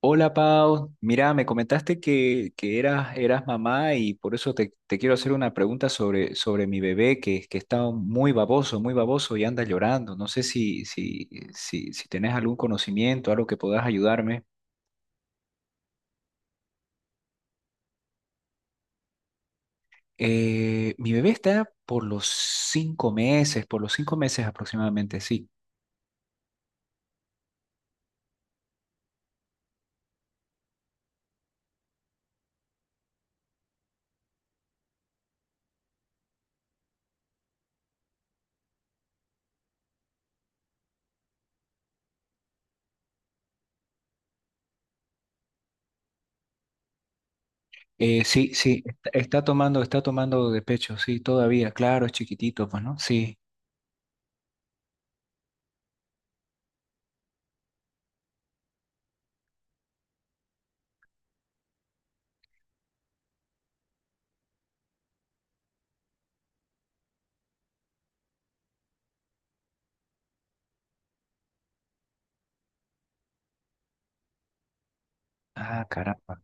Hola Pau, mira, me comentaste que eras mamá y por eso te quiero hacer una pregunta sobre mi bebé que está muy baboso y anda llorando. No sé si tenés algún conocimiento, algo que puedas ayudarme. Mi bebé está por los cinco meses aproximadamente, sí. Sí, sí, está tomando de pecho, sí, todavía, claro, es chiquitito, pues, ¿no? Sí. Ah, caramba.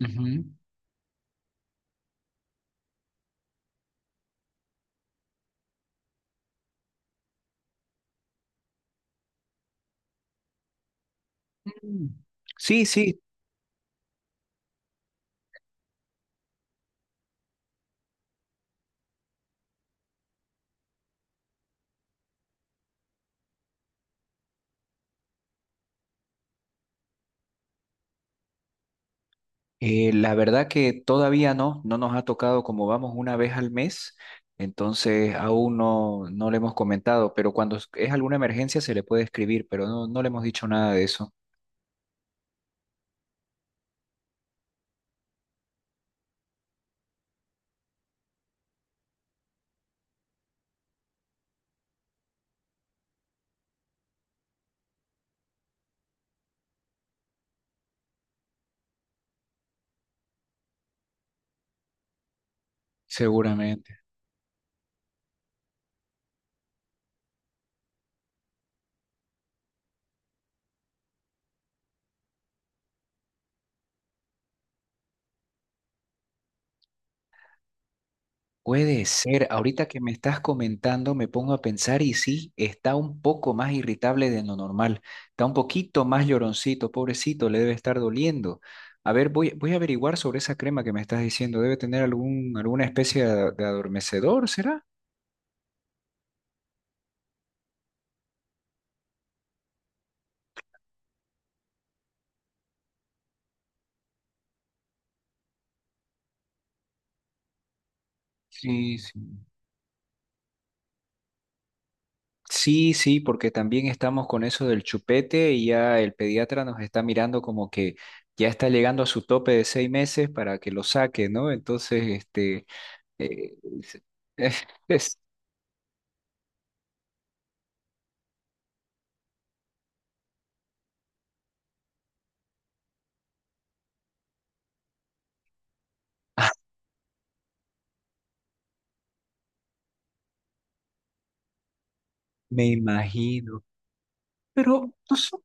Ujú. Mm. Sí, sí. La verdad que todavía no, no nos ha tocado como vamos una vez al mes, entonces aún no, no le hemos comentado, pero cuando es alguna emergencia se le puede escribir, pero no, no le hemos dicho nada de eso. Seguramente. Puede ser, ahorita que me estás comentando me pongo a pensar y sí, está un poco más irritable de lo normal, está un poquito más lloroncito, pobrecito, le debe estar doliendo. A ver, voy a averiguar sobre esa crema que me estás diciendo, debe tener alguna especie de adormecedor, ¿será? Sí, sí. Sí, sí, porque también estamos con eso del chupete y ya el pediatra nos está mirando como que ya está llegando a su tope de 6 meses para que lo saque, ¿no? Entonces, este. eh, es- es- es- ah, me imagino. Pero no sé.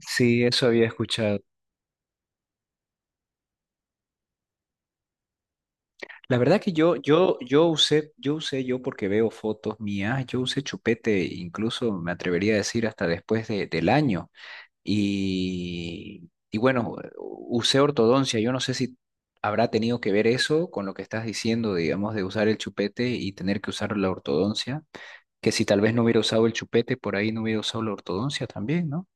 Sí, eso había escuchado. La verdad que yo porque veo fotos mías, yo usé chupete, incluso me atrevería a decir hasta después del año. Y bueno, usé ortodoncia. Yo no sé si habrá tenido que ver eso con lo que estás diciendo, digamos, de usar el chupete y tener que usar la ortodoncia. Que si tal vez no hubiera usado el chupete, por ahí no hubiera usado la ortodoncia también, ¿no?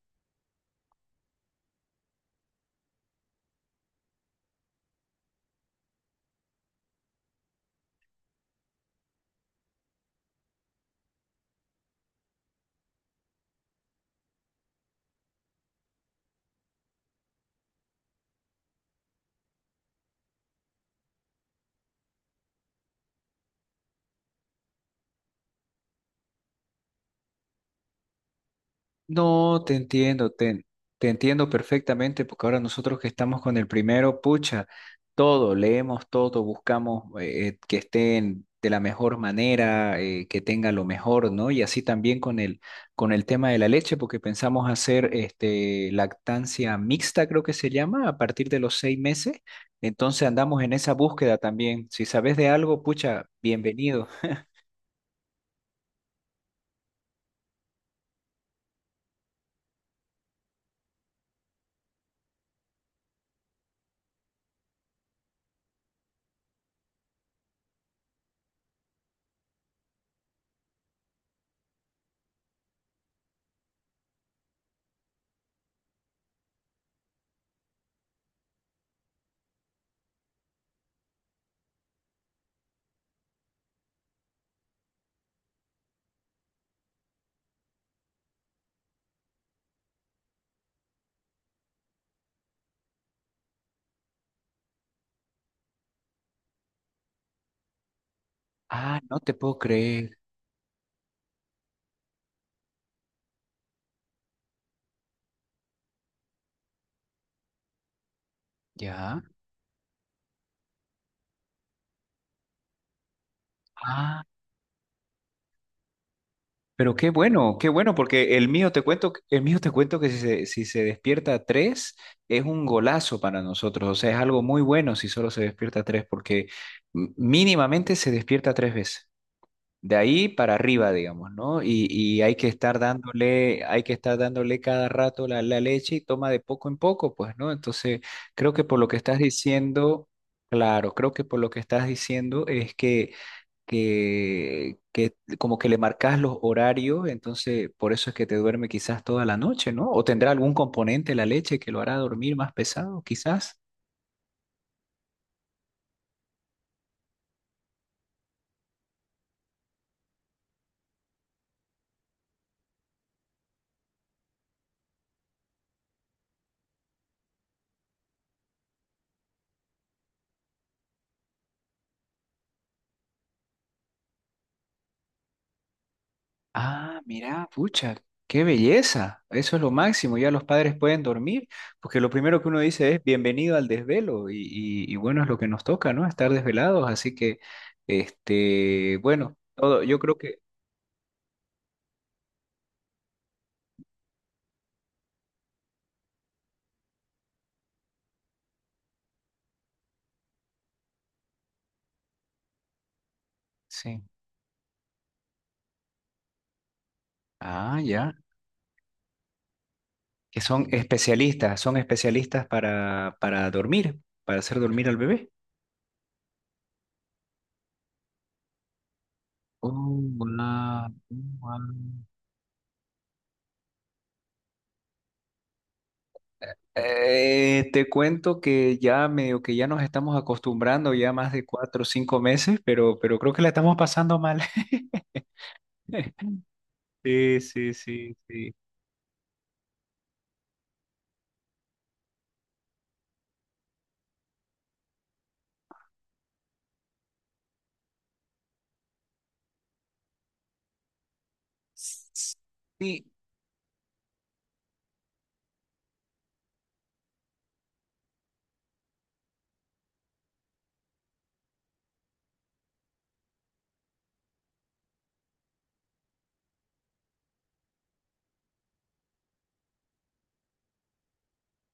No, te entiendo, te entiendo perfectamente, porque ahora nosotros que estamos con el primero, pucha, todo, leemos todo, buscamos que estén de la mejor manera, que tenga lo mejor, ¿no? Y así también con el, tema de la leche, porque pensamos hacer este, lactancia mixta, creo que se llama, a partir de los 6 meses. Entonces andamos en esa búsqueda también. Si sabes de algo, pucha, bienvenido. Ah, no te puedo creer. Ya. Ah. Pero qué bueno, porque el mío te cuento, el mío te cuento que si se despierta a tres, es un golazo para nosotros. O sea, es algo muy bueno si solo se despierta a tres, porque mínimamente se despierta tres veces. De ahí para arriba, digamos, ¿no? Y hay que estar dándole cada rato la leche y toma de poco en poco, pues, ¿no? Entonces, creo que por lo que estás diciendo, claro, creo que por lo que estás diciendo es que, como que le marcas los horarios, entonces por eso es que te duerme quizás toda la noche, ¿no? O tendrá algún componente la leche que lo hará dormir más pesado, quizás. Ah, mira, pucha, qué belleza. Eso es lo máximo. Ya los padres pueden dormir, porque lo primero que uno dice es bienvenido al desvelo y bueno, es lo que nos toca, ¿no? Estar desvelados. Así que, este, bueno, todo, yo creo que sí. Ah, ya. Que son especialistas para dormir, para hacer dormir al bebé. Oh, wow, wow. Te cuento que ya medio que ya nos estamos acostumbrando ya más de 4 o 5 meses, pero creo que la estamos pasando mal. Sí, sí, sí, sí. Sí,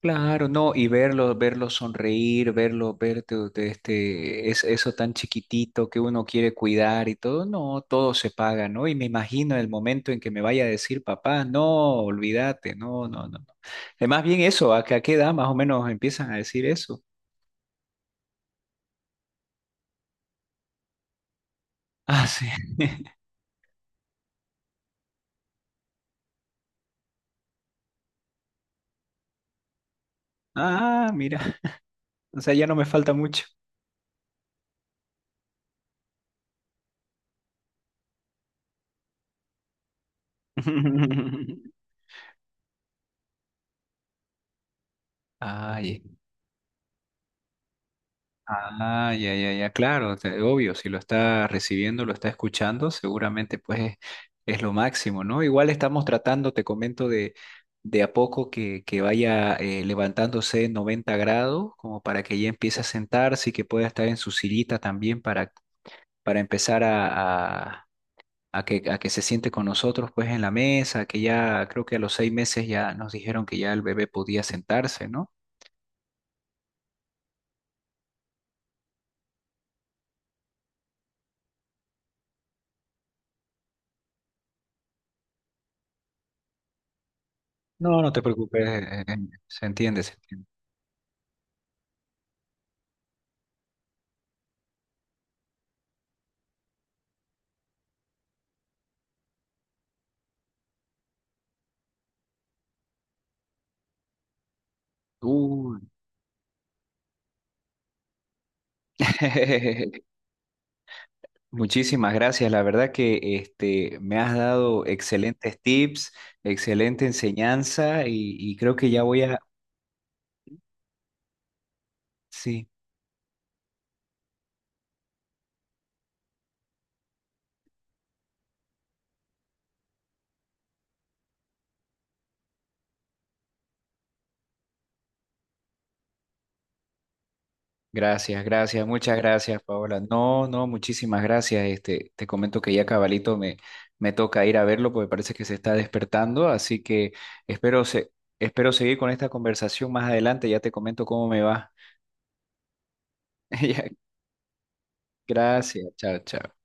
claro, no, y verlo sonreír, verte de este, es eso tan chiquitito que uno quiere cuidar y todo, no, todo se paga, ¿no? Y me imagino el momento en que me vaya a decir, papá, no, olvídate, no, no, no. no". Más bien eso, ¿a qué edad más o menos empiezan a decir eso? Ah, sí. Ah, mira, o sea, ya no me falta mucho. Ay. Ah, ya, ya, ya, claro, obvio, si lo está recibiendo, lo está escuchando, seguramente pues es lo máximo, ¿no? Igual estamos tratando, te comento, de a poco que vaya levantándose en 90°, como para que ya empiece a sentarse y que pueda estar en su sillita también para empezar a que se siente con nosotros pues en la mesa, que ya creo que a los 6 meses ya nos dijeron que ya el bebé podía sentarse, ¿no? No, no te preocupes, se entiende, se entiende. Muchísimas gracias. La verdad que este, me has dado excelentes tips, excelente enseñanza y creo que ya voy a... Sí, gracias, gracias, muchas gracias, Paola. No, no, muchísimas gracias. Este, te comento que ya cabalito me toca ir a verlo porque parece que se está despertando, así que espero, se, espero seguir con esta conversación más adelante. Ya te comento cómo me va. Ya, gracias, chao, chao.